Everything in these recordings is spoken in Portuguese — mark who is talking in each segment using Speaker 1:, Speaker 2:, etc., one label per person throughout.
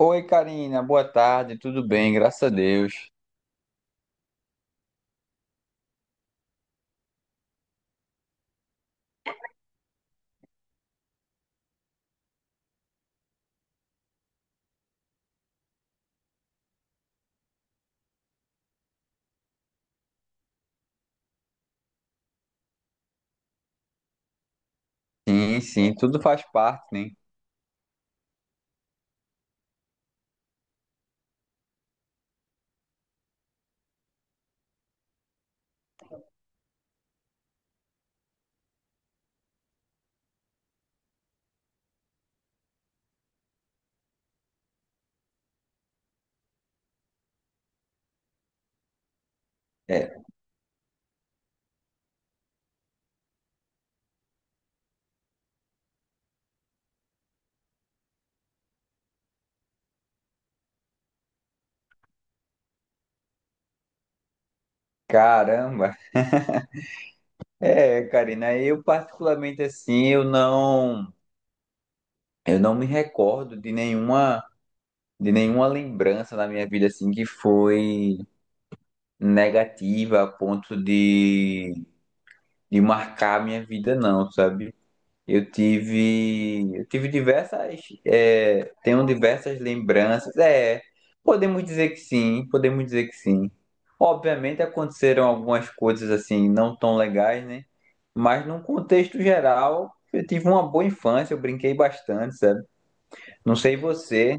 Speaker 1: Oi, Karina, boa tarde, tudo bem, graças a Deus. Sim, sim, tudo faz parte, né? É, caramba. Karina, eu particularmente assim, eu não me recordo de nenhuma lembrança na minha vida assim que foi negativa a ponto de marcar a minha vida, não, sabe? Eu tive diversas, tenho diversas lembranças. É, podemos dizer que sim, podemos dizer que sim. Obviamente aconteceram algumas coisas assim não tão legais, né? Mas num contexto geral, eu tive uma boa infância, eu brinquei bastante, sabe? Não sei você,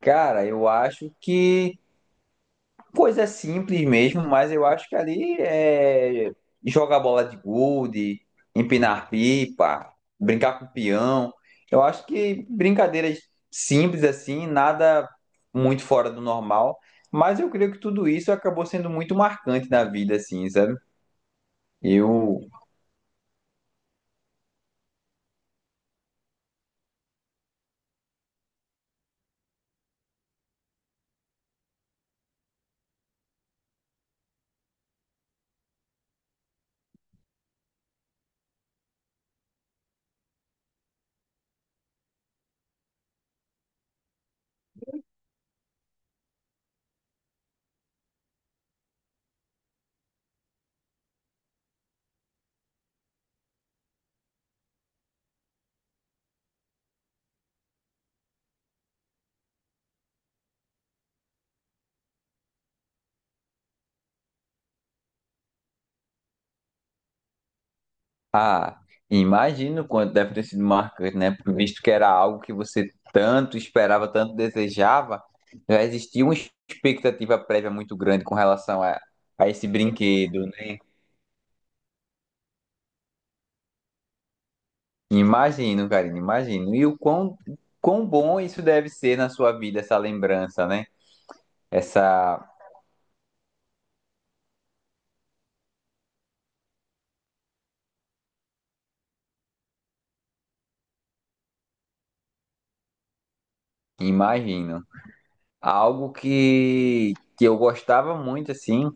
Speaker 1: cara, eu acho que coisa simples mesmo, mas eu acho que ali é jogar bola de gude, empinar pipa, brincar com peão. Eu acho que brincadeiras simples assim, nada muito fora do normal. Mas eu creio que tudo isso acabou sendo muito marcante na vida, assim, sabe? Eu Ah, Imagino quanto deve ter sido marcante, né? Visto que era algo que você tanto esperava, tanto desejava, já existia uma expectativa prévia muito grande com relação a esse brinquedo, né? Imagino, Karina, imagino. E o quão, quão bom isso deve ser na sua vida, essa lembrança, né? Essa, imagino. Algo que eu gostava muito, assim,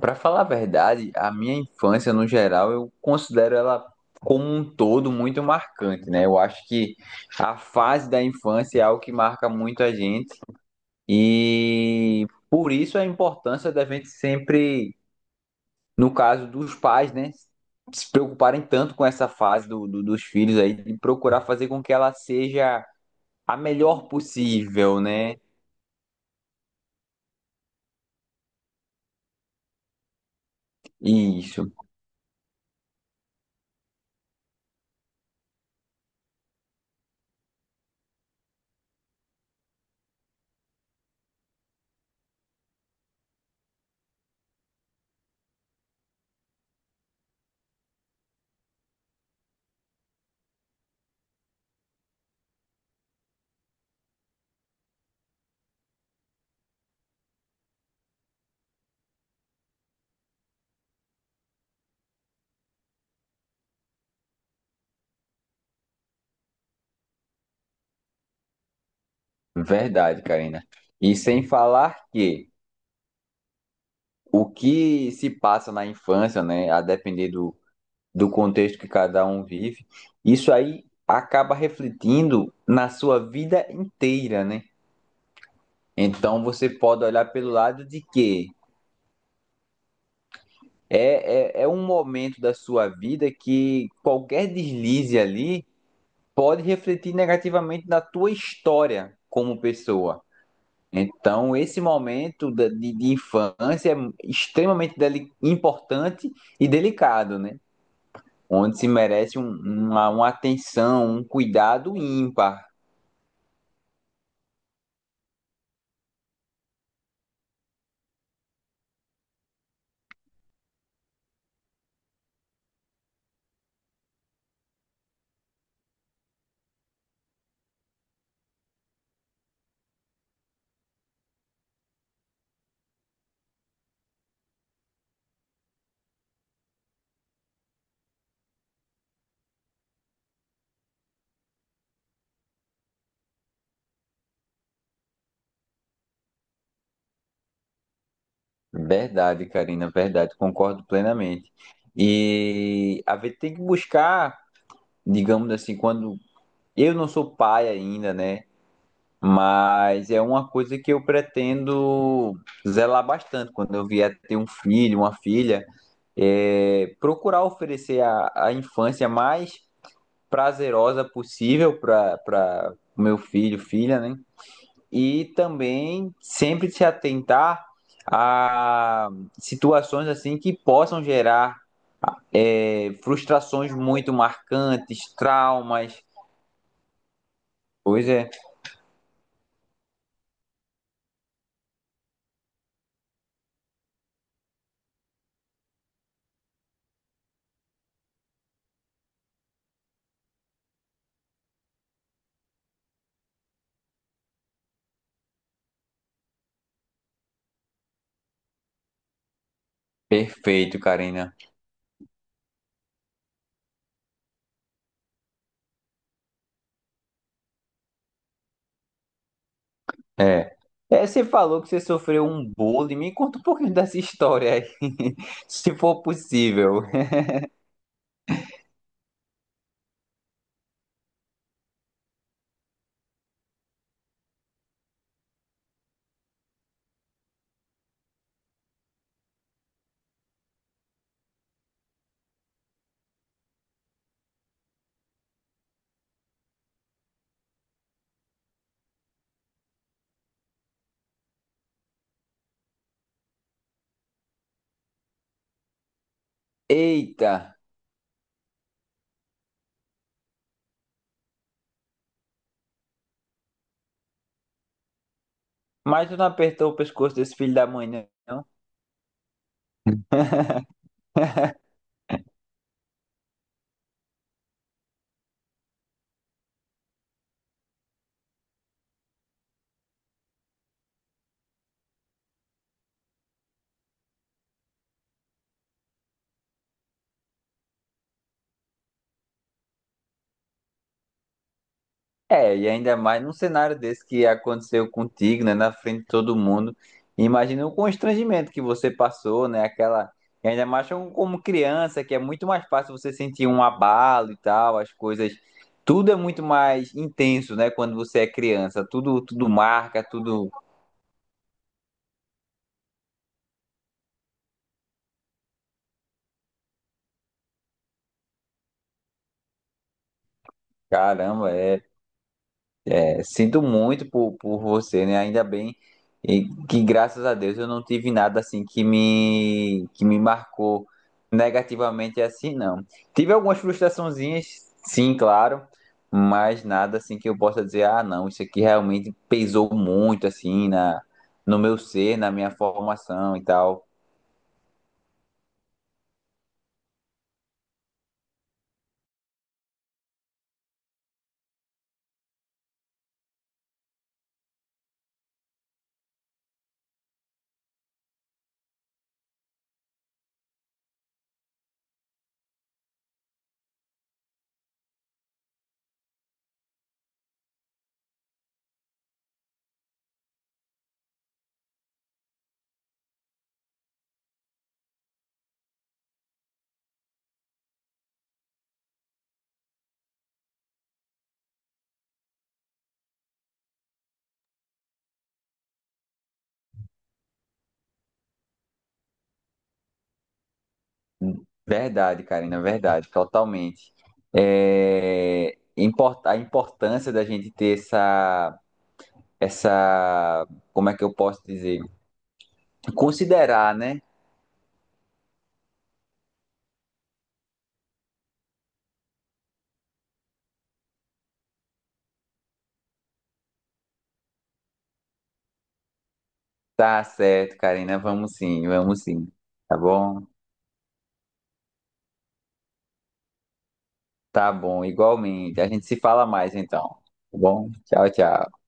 Speaker 1: pra falar a verdade, a minha infância no geral eu considero ela como um todo muito marcante, né? Eu acho que a fase da infância é algo que marca muito a gente e por isso a importância da gente sempre, no caso dos pais, né, se preocuparem tanto com essa fase dos filhos aí, de procurar fazer com que ela seja a melhor possível, né? Isso, verdade, Karina. E sem falar que o que se passa na infância, né, a depender do, do contexto que cada um vive, isso aí acaba refletindo na sua vida inteira, né? Então você pode olhar pelo lado de que é um momento da sua vida que qualquer deslize ali pode refletir negativamente na tua história como pessoa. Então, esse momento de infância é importante e delicado, né? Onde se merece uma atenção, um cuidado ímpar. Verdade, Karina, verdade, concordo plenamente. E a gente tem que buscar, digamos assim, quando eu não sou pai ainda, né? Mas é uma coisa que eu pretendo zelar bastante quando eu vier ter um filho, uma filha, é procurar oferecer a infância mais prazerosa possível para meu filho, filha, né? E também sempre se atentar a situações assim que possam gerar frustrações muito marcantes, traumas. Pois é, perfeito, Karina. É. É, você falou que você sofreu um bullying. Me conta um pouquinho dessa história aí, se for possível. Eita, mas tu não apertou o pescoço desse filho da mãe, não? É, e ainda mais num cenário desse que aconteceu contigo, né, na frente de todo mundo. Imagina o constrangimento que você passou, né, aquela... E ainda mais como criança, que é muito mais fácil você sentir um abalo e tal, as coisas... Tudo é muito mais intenso, né, quando você é criança. Tudo, tudo marca, tudo... Caramba, é... É, sinto muito por você, né? Ainda bem e que graças a Deus eu não tive nada assim que me marcou negativamente assim, não. Tive algumas frustraçõezinhas, sim, claro, mas nada assim que eu possa dizer, ah, não, isso aqui realmente pesou muito assim na no meu ser, na minha formação e tal. Verdade, Karina, verdade, totalmente. A importância da gente ter essa essa, como é que eu posso dizer? Considerar, né? Tá certo, Karina, vamos sim, vamos sim. Tá bom? Tá bom, igualmente. A gente se fala mais então. Tá bom? Tchau, tchau.